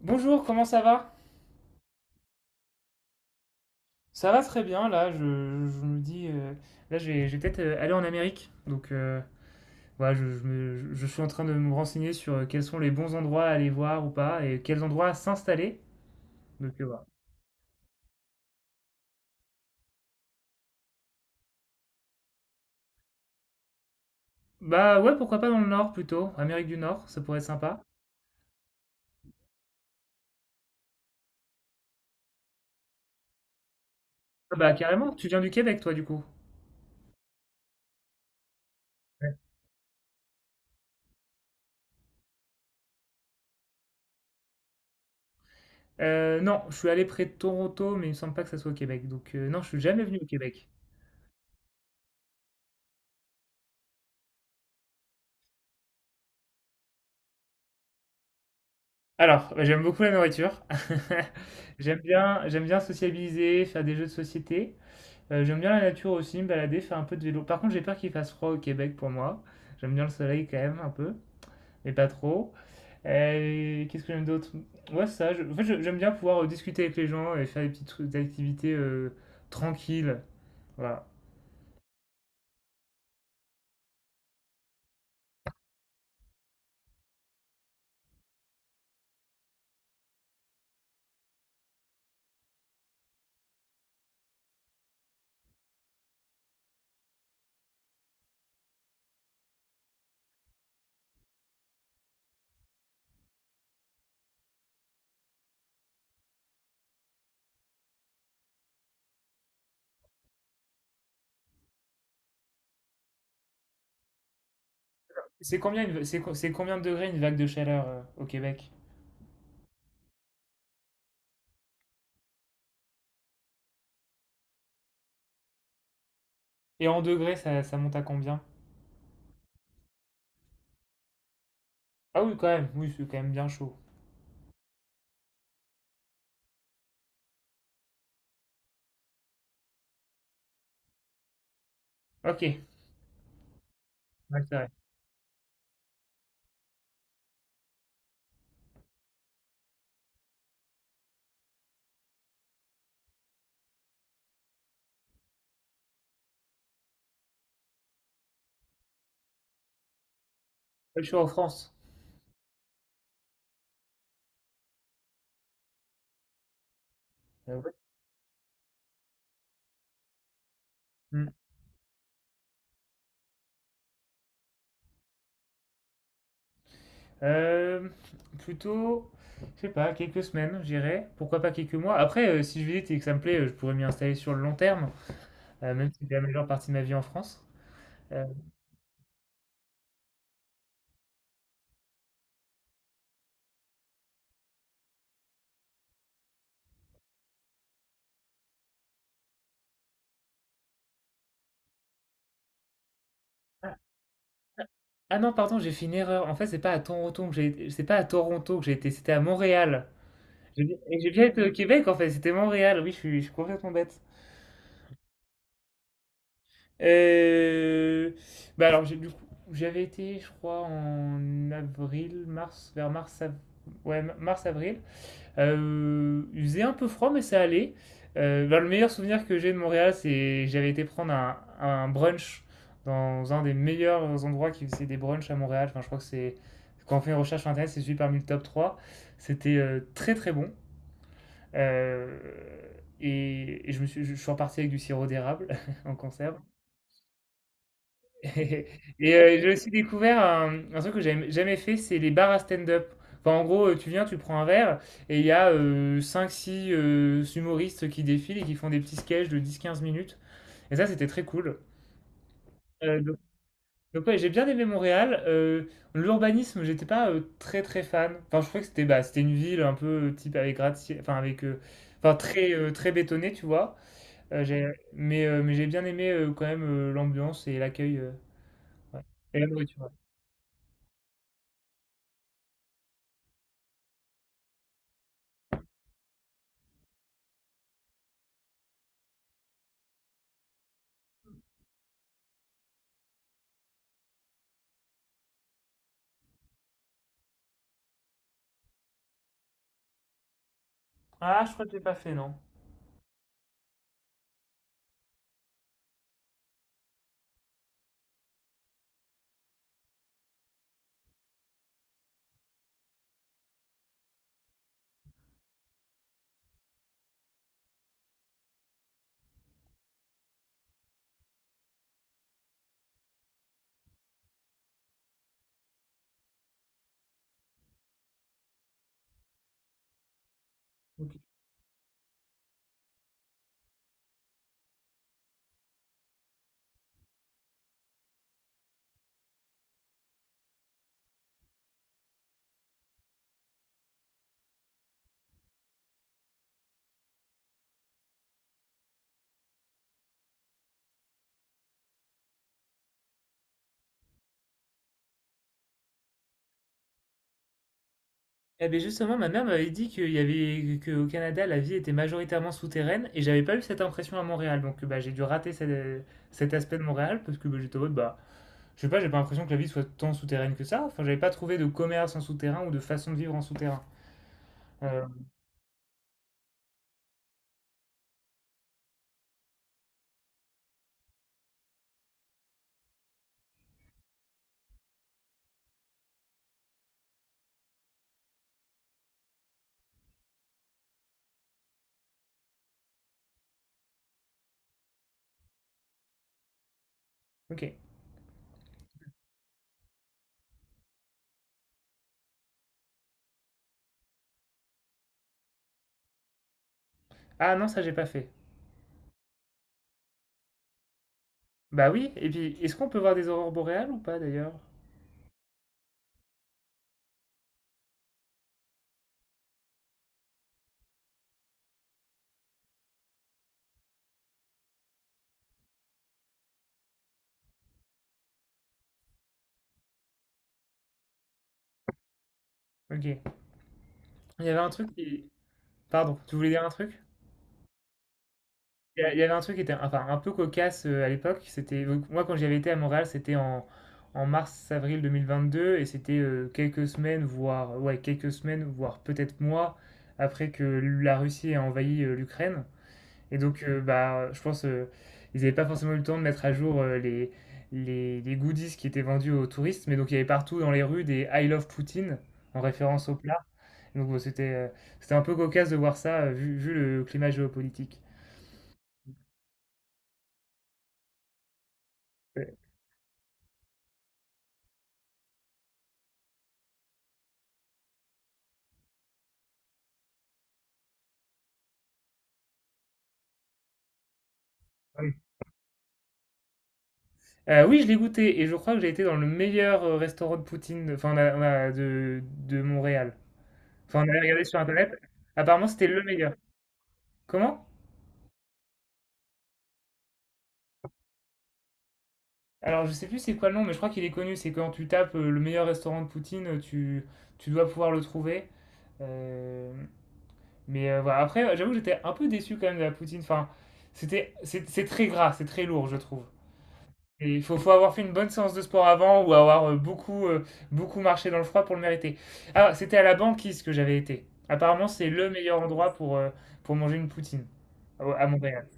Bonjour, comment ça va? Ça va très bien, là, je me dis, là, je vais peut-être aller en Amérique. Donc, voilà, je suis en train de me renseigner sur quels sont les bons endroits à aller voir ou pas, et quels endroits s'installer. Donc, voilà. Bah ouais, pourquoi pas dans le Nord plutôt, Amérique du Nord, ça pourrait être sympa. Ah bah carrément, tu viens du Québec, toi, du coup. Ouais. Non, je suis allé près de Toronto, mais il me semble pas que ça soit au Québec. Donc, non, je suis jamais venu au Québec. Alors, bah, j'aime beaucoup la nourriture. J'aime bien sociabiliser, faire des jeux de société. J'aime bien la nature aussi, me balader, faire un peu de vélo. Par contre, j'ai peur qu'il fasse froid au Québec pour moi. J'aime bien le soleil quand même, un peu, mais pas trop. Qu'est-ce que j'aime d'autre? Ouais, ça. En fait, j'aime bien pouvoir discuter avec les gens et faire des activités tranquilles. Voilà. C'est combien de degrés une vague de chaleur au Québec? Et en degrés, ça monte à combien? Ah oui, quand même. Oui, c'est quand même bien chaud. Ok. Ouais, c'est vrai. Ouais, je suis en France. Ouais. Mm. Euh, plutôt, je sais pas, quelques semaines, je dirais. Pourquoi pas quelques mois. Après, si je visite et que ça me plaît, je pourrais m'y installer sur le long terme, même si c'est la majeure partie de ma vie en France. Euh, ah, ah non, pardon, j'ai fait une erreur. En fait, c'est pas à Toronto que j'ai été, c'était à Montréal. Et j'ai bien été au Québec, en fait, c'était Montréal. Oui, je suis complètement bête. Euh, bah alors, du coup, j'avais été, je crois, en avril, mars, vers mars, ouais, mars, avril. Il faisait un peu froid, mais ça allait. Bah, le meilleur souvenir que j'ai de Montréal, c'est j'avais été prendre un brunch dans un des meilleurs endroits qui faisait des brunchs à Montréal. Enfin, je crois que c'est quand on fait une recherche sur Internet, c'est celui parmi le top trois. C'était très très bon. Euh, et je suis reparti avec du sirop d'érable en conserve. Et j'ai aussi découvert un truc que j'avais jamais fait, c'est les bars à stand-up. Enfin, en gros, tu viens, tu prends un verre, et il y a cinq-six humoristes qui défilent et qui font des petits sketchs de 10-15 minutes. Et ça, c'était très cool. Donc, ouais, j'ai bien aimé Montréal. L'urbanisme, j'étais pas très très fan. Enfin, je trouvais que c'était bah, c'était une ville un peu type avec gratte-ciel, enfin avec, enfin très très bétonnée, tu vois. Mais j'ai bien aimé quand même l'ambiance et l'accueil. Ouais. Et la nourriture. Ah, je crois que je l'ai pas fait, non. Ok. Eh bien justement, ma mère m'avait dit qu'il y avait qu'au Canada, la vie était majoritairement souterraine et j'avais pas eu cette impression à Montréal. Donc bah, j'ai dû rater cet aspect de Montréal parce que bah, j'étais en mode, bah, je sais pas, j'ai pas l'impression que la vie soit tant souterraine que ça. Enfin, j'avais pas trouvé de commerce en souterrain ou de façon de vivre en souterrain. Euh, ok. Ah non, ça j'ai pas fait. Bah oui, et puis est-ce qu'on peut voir des aurores boréales ou pas d'ailleurs? Ok. Il y avait un truc qui. Pardon, tu voulais dire un truc? Il y avait un truc qui était enfin un peu cocasse, à l'époque, c'était donc moi quand j'avais été à Montréal, c'était en mars-avril 2022 et c'était, quelques semaines, voire ouais, quelques semaines, voire peut-être mois après que la Russie ait envahi, l'Ukraine et donc bah, je pense, ils n'avaient pas forcément eu le temps de mettre à jour, les goodies qui étaient vendus aux touristes, mais donc il y avait partout dans les rues des «I love Poutine» en référence au plat, donc bon, c'était un peu cocasse de voir ça, vu le climat géopolitique. Ouais. Oui, je l'ai goûté et je crois que j'ai été dans le meilleur restaurant de poutine, enfin, on a de Montréal. Enfin, on avait regardé sur Internet. Apparemment, c'était le meilleur. Comment? Alors, je sais plus c'est quoi le nom, mais je crois qu'il est connu. C'est quand tu tapes le meilleur restaurant de poutine, tu dois pouvoir le trouver. Euh, mais voilà. Après, j'avoue que j'étais un peu déçu quand même de la poutine. Enfin, c'est très gras, c'est très lourd, je trouve. Et il faut avoir fait une bonne séance de sport avant ou avoir beaucoup marché dans le froid pour le mériter. Ah, c'était à la banquise que j'avais été. Apparemment, c'est le meilleur endroit pour manger une poutine à Montréal.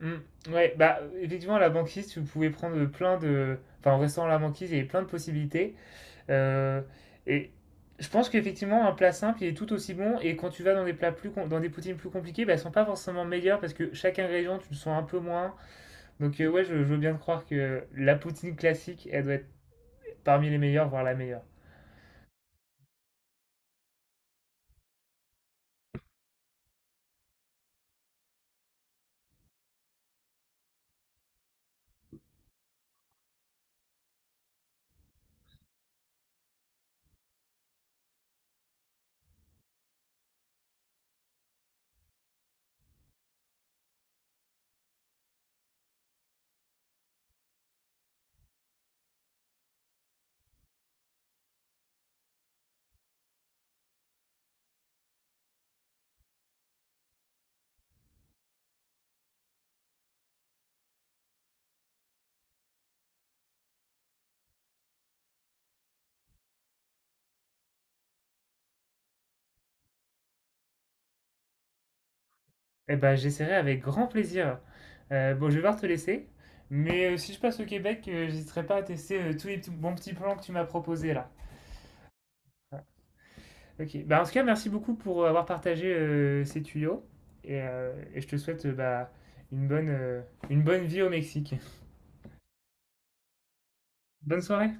Mm. Ouais, bah effectivement, à la banquise, tu pouvais prendre plein de. Enfin, en restant à la banquise, il y avait plein de possibilités. Euh, et je pense qu'effectivement, un plat simple, il est tout aussi bon. Et quand tu vas dans des poutines plus compliquées, bah, elles sont pas forcément meilleures parce que chaque ingrédient, tu le sens un peu moins. Donc ouais, je veux bien te croire que la poutine classique, elle doit être parmi les meilleures, voire la meilleure. Eh ben, j'essaierai avec grand plaisir. Bon, je vais devoir te laisser. Mais si je passe au Québec, j'hésiterai pas à tester bons petits plans que tu m'as proposés là. Ok. Bah, en tout cas, merci beaucoup pour avoir partagé ces tuyaux. Et je te souhaite bah, une bonne, euh, une bonne vie au Mexique. Bonne soirée.